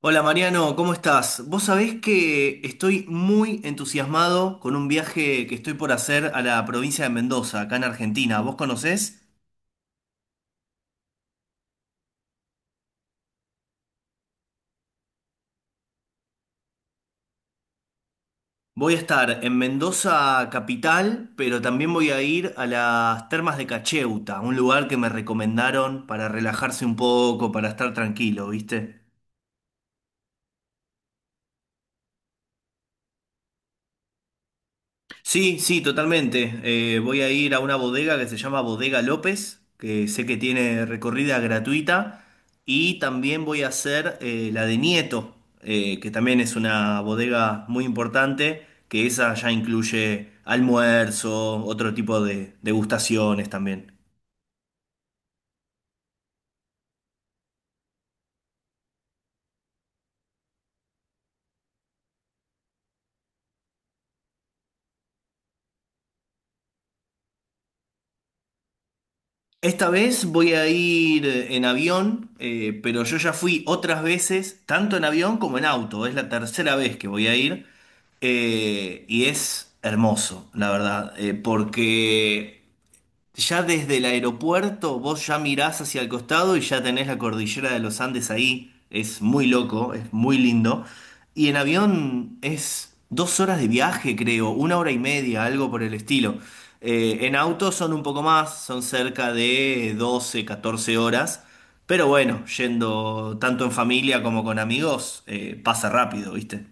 Hola Mariano, ¿cómo estás? Vos sabés que estoy muy entusiasmado con un viaje que estoy por hacer a la provincia de Mendoza, acá en Argentina. ¿Vos conocés? Voy a estar en Mendoza capital, pero también voy a ir a las termas de Cacheuta, un lugar que me recomendaron para relajarse un poco, para estar tranquilo, ¿viste? Sí, sí, totalmente. Voy a ir a una bodega que se llama Bodega López, que sé que tiene recorrida gratuita, y también voy a hacer la de Nieto, que también es una bodega muy importante, que esa ya incluye almuerzo, otro tipo de degustaciones también. Esta vez voy a ir en avión, pero yo ya fui otras veces, tanto en avión como en auto. Es la tercera vez que voy a ir y es hermoso, la verdad, porque ya desde el aeropuerto vos ya mirás hacia el costado y ya tenés la cordillera de los Andes ahí. Es muy loco, es muy lindo. Y en avión es 2 horas de viaje, creo, 1 hora y media, algo por el estilo. En auto son un poco más, son cerca de 12, 14 horas. Pero bueno, yendo tanto en familia como con amigos, pasa rápido, ¿viste?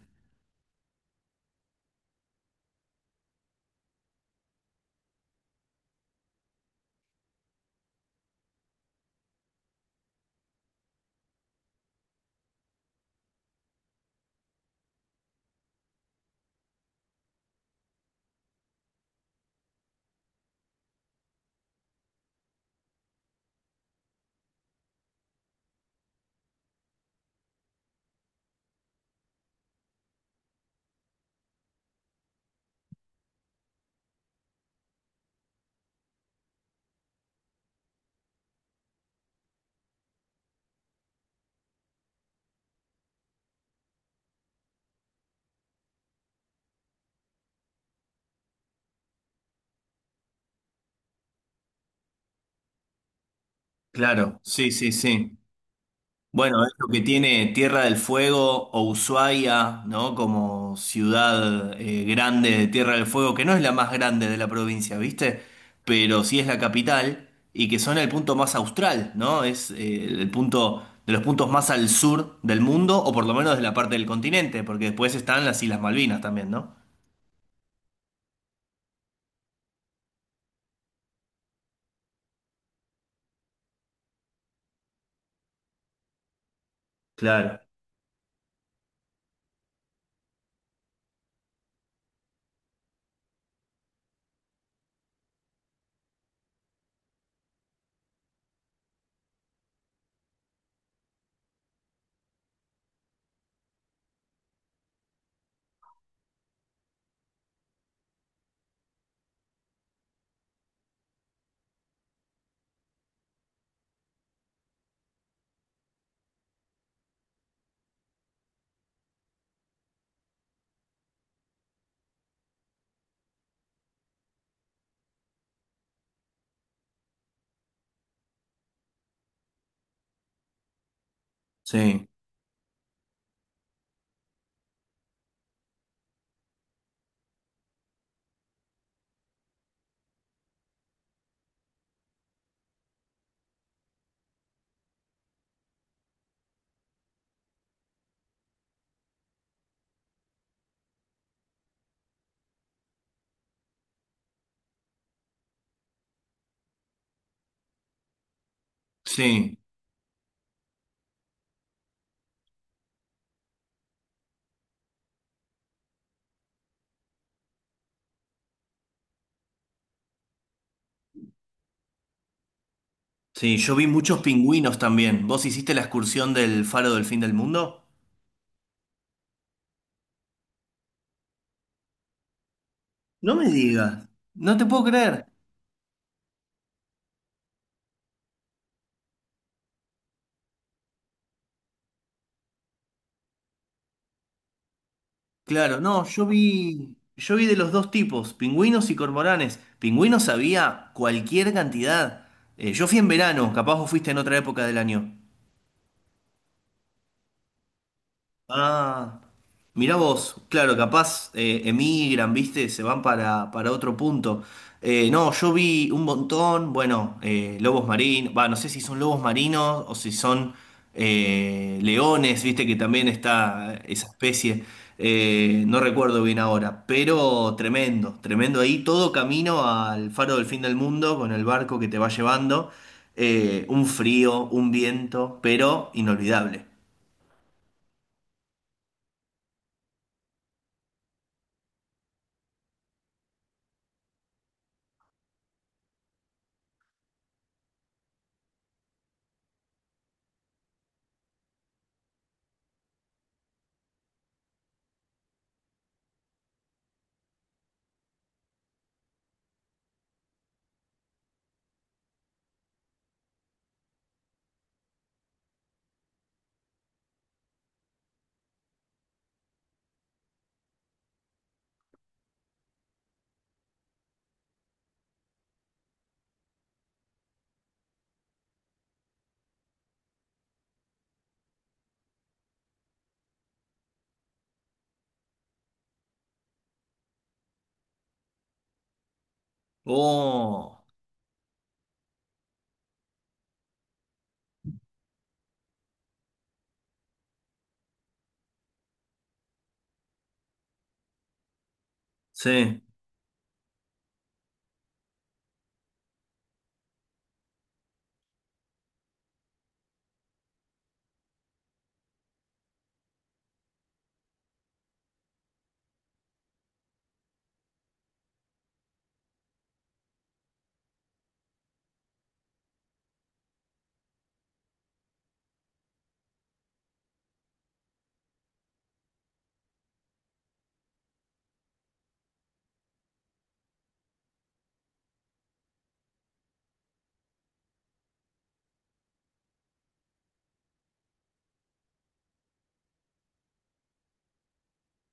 Claro, sí, sí, sí. Bueno, es lo que tiene Tierra del Fuego o Ushuaia, ¿no? Como ciudad grande de Tierra del Fuego, que no es la más grande de la provincia, ¿viste? Pero sí es la capital y que son el punto más austral, ¿no? Es el punto de los puntos más al sur del mundo, o por lo menos de la parte del continente, porque después están las Islas Malvinas también, ¿no? Claro, sí, sí, sí. Yo vi muchos pingüinos también. ¿Vos hiciste la excursión del Faro del Fin del Mundo? No me digas, no te puedo creer. Claro, no, yo vi de los dos tipos, pingüinos y cormoranes. Pingüinos había cualquier cantidad. Yo fui en verano, capaz vos fuiste en otra época del año. Ah, mirá vos, claro, capaz emigran, viste, se van para otro punto. No, yo vi un montón, bueno, lobos marinos, va, no sé si son lobos marinos o si son leones, viste que también está esa especie, no recuerdo bien ahora, pero tremendo, tremendo ahí, todo camino al faro del fin del mundo con el barco que te va llevando, un frío, un viento, pero inolvidable. Oh. Sí,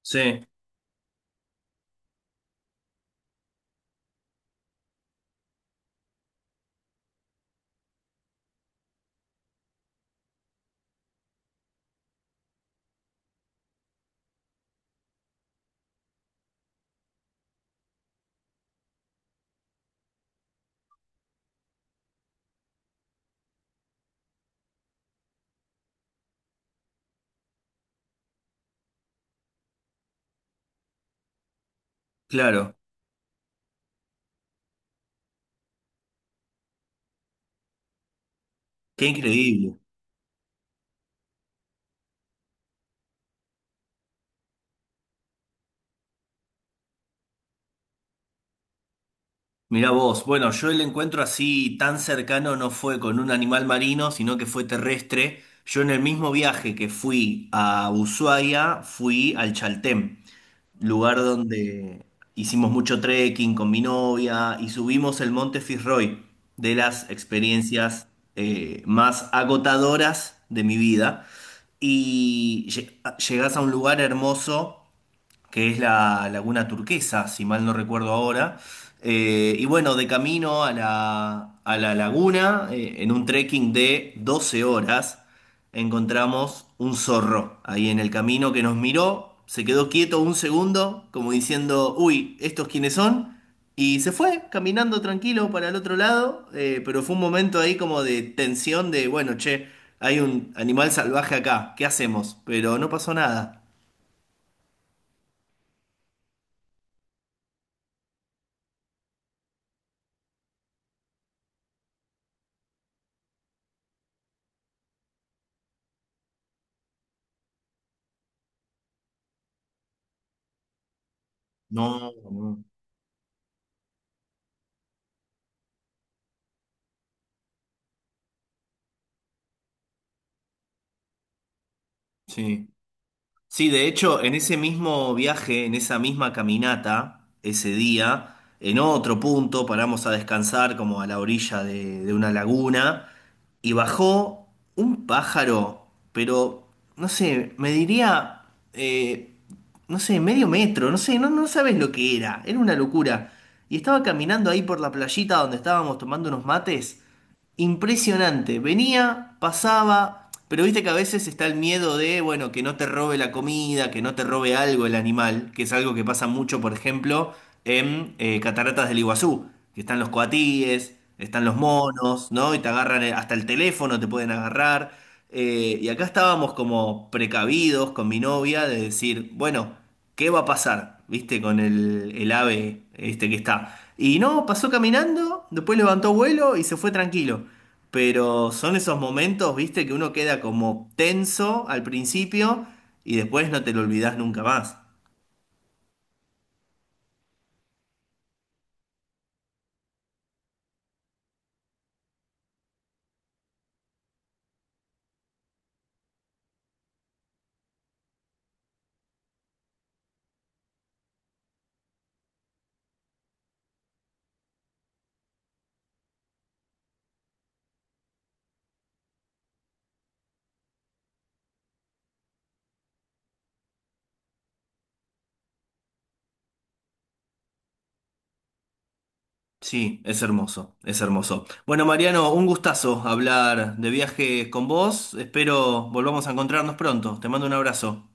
sí, claro. Qué increíble. Mirá vos. Bueno, yo el encuentro así tan cercano no fue con un animal marino, sino que fue terrestre. Yo en el mismo viaje que fui a Ushuaia, fui al Chaltén, lugar donde hicimos mucho trekking con mi novia y subimos el Monte Fitzroy, de las experiencias más agotadoras de mi vida. Y llegas a un lugar hermoso que es la Laguna Turquesa, si mal no recuerdo ahora. Y bueno, de camino a la laguna, en un trekking de 12 horas, encontramos un zorro ahí en el camino que nos miró, se quedó quieto un segundo, como diciendo, uy, ¿estos quiénes son? Y se fue caminando tranquilo para el otro lado, pero fue un momento ahí como de tensión de, bueno, che, hay un animal salvaje acá, ¿qué hacemos? Pero no pasó nada. No, no. Sí. Sí, de hecho, en ese mismo viaje, en esa misma caminata, ese día, en otro punto paramos a descansar como a la orilla de una laguna y bajó un pájaro, pero no sé, me diría, eh, no sé, medio metro, no sé, no, no sabes lo que era, era una locura. Y estaba caminando ahí por la playita donde estábamos tomando unos mates. Impresionante. Venía, pasaba, pero viste que a veces está el miedo de, bueno, que no te robe la comida, que no te robe algo el animal, que es algo que pasa mucho, por ejemplo, en Cataratas del Iguazú, que están los coatíes, están los monos, ¿no? Y te agarran hasta el teléfono, te pueden agarrar. Y acá estábamos como precavidos con mi novia de decir, bueno, ¿qué va a pasar? ¿Viste? Con el ave este que está. Y no, pasó caminando, después levantó vuelo y se fue tranquilo. Pero son esos momentos, ¿viste? Que uno queda como tenso al principio y después no te lo olvidás nunca más. Sí, es hermoso, es hermoso. Bueno, Mariano, un gustazo hablar de viajes con vos. Espero volvamos a encontrarnos pronto. Te mando un abrazo.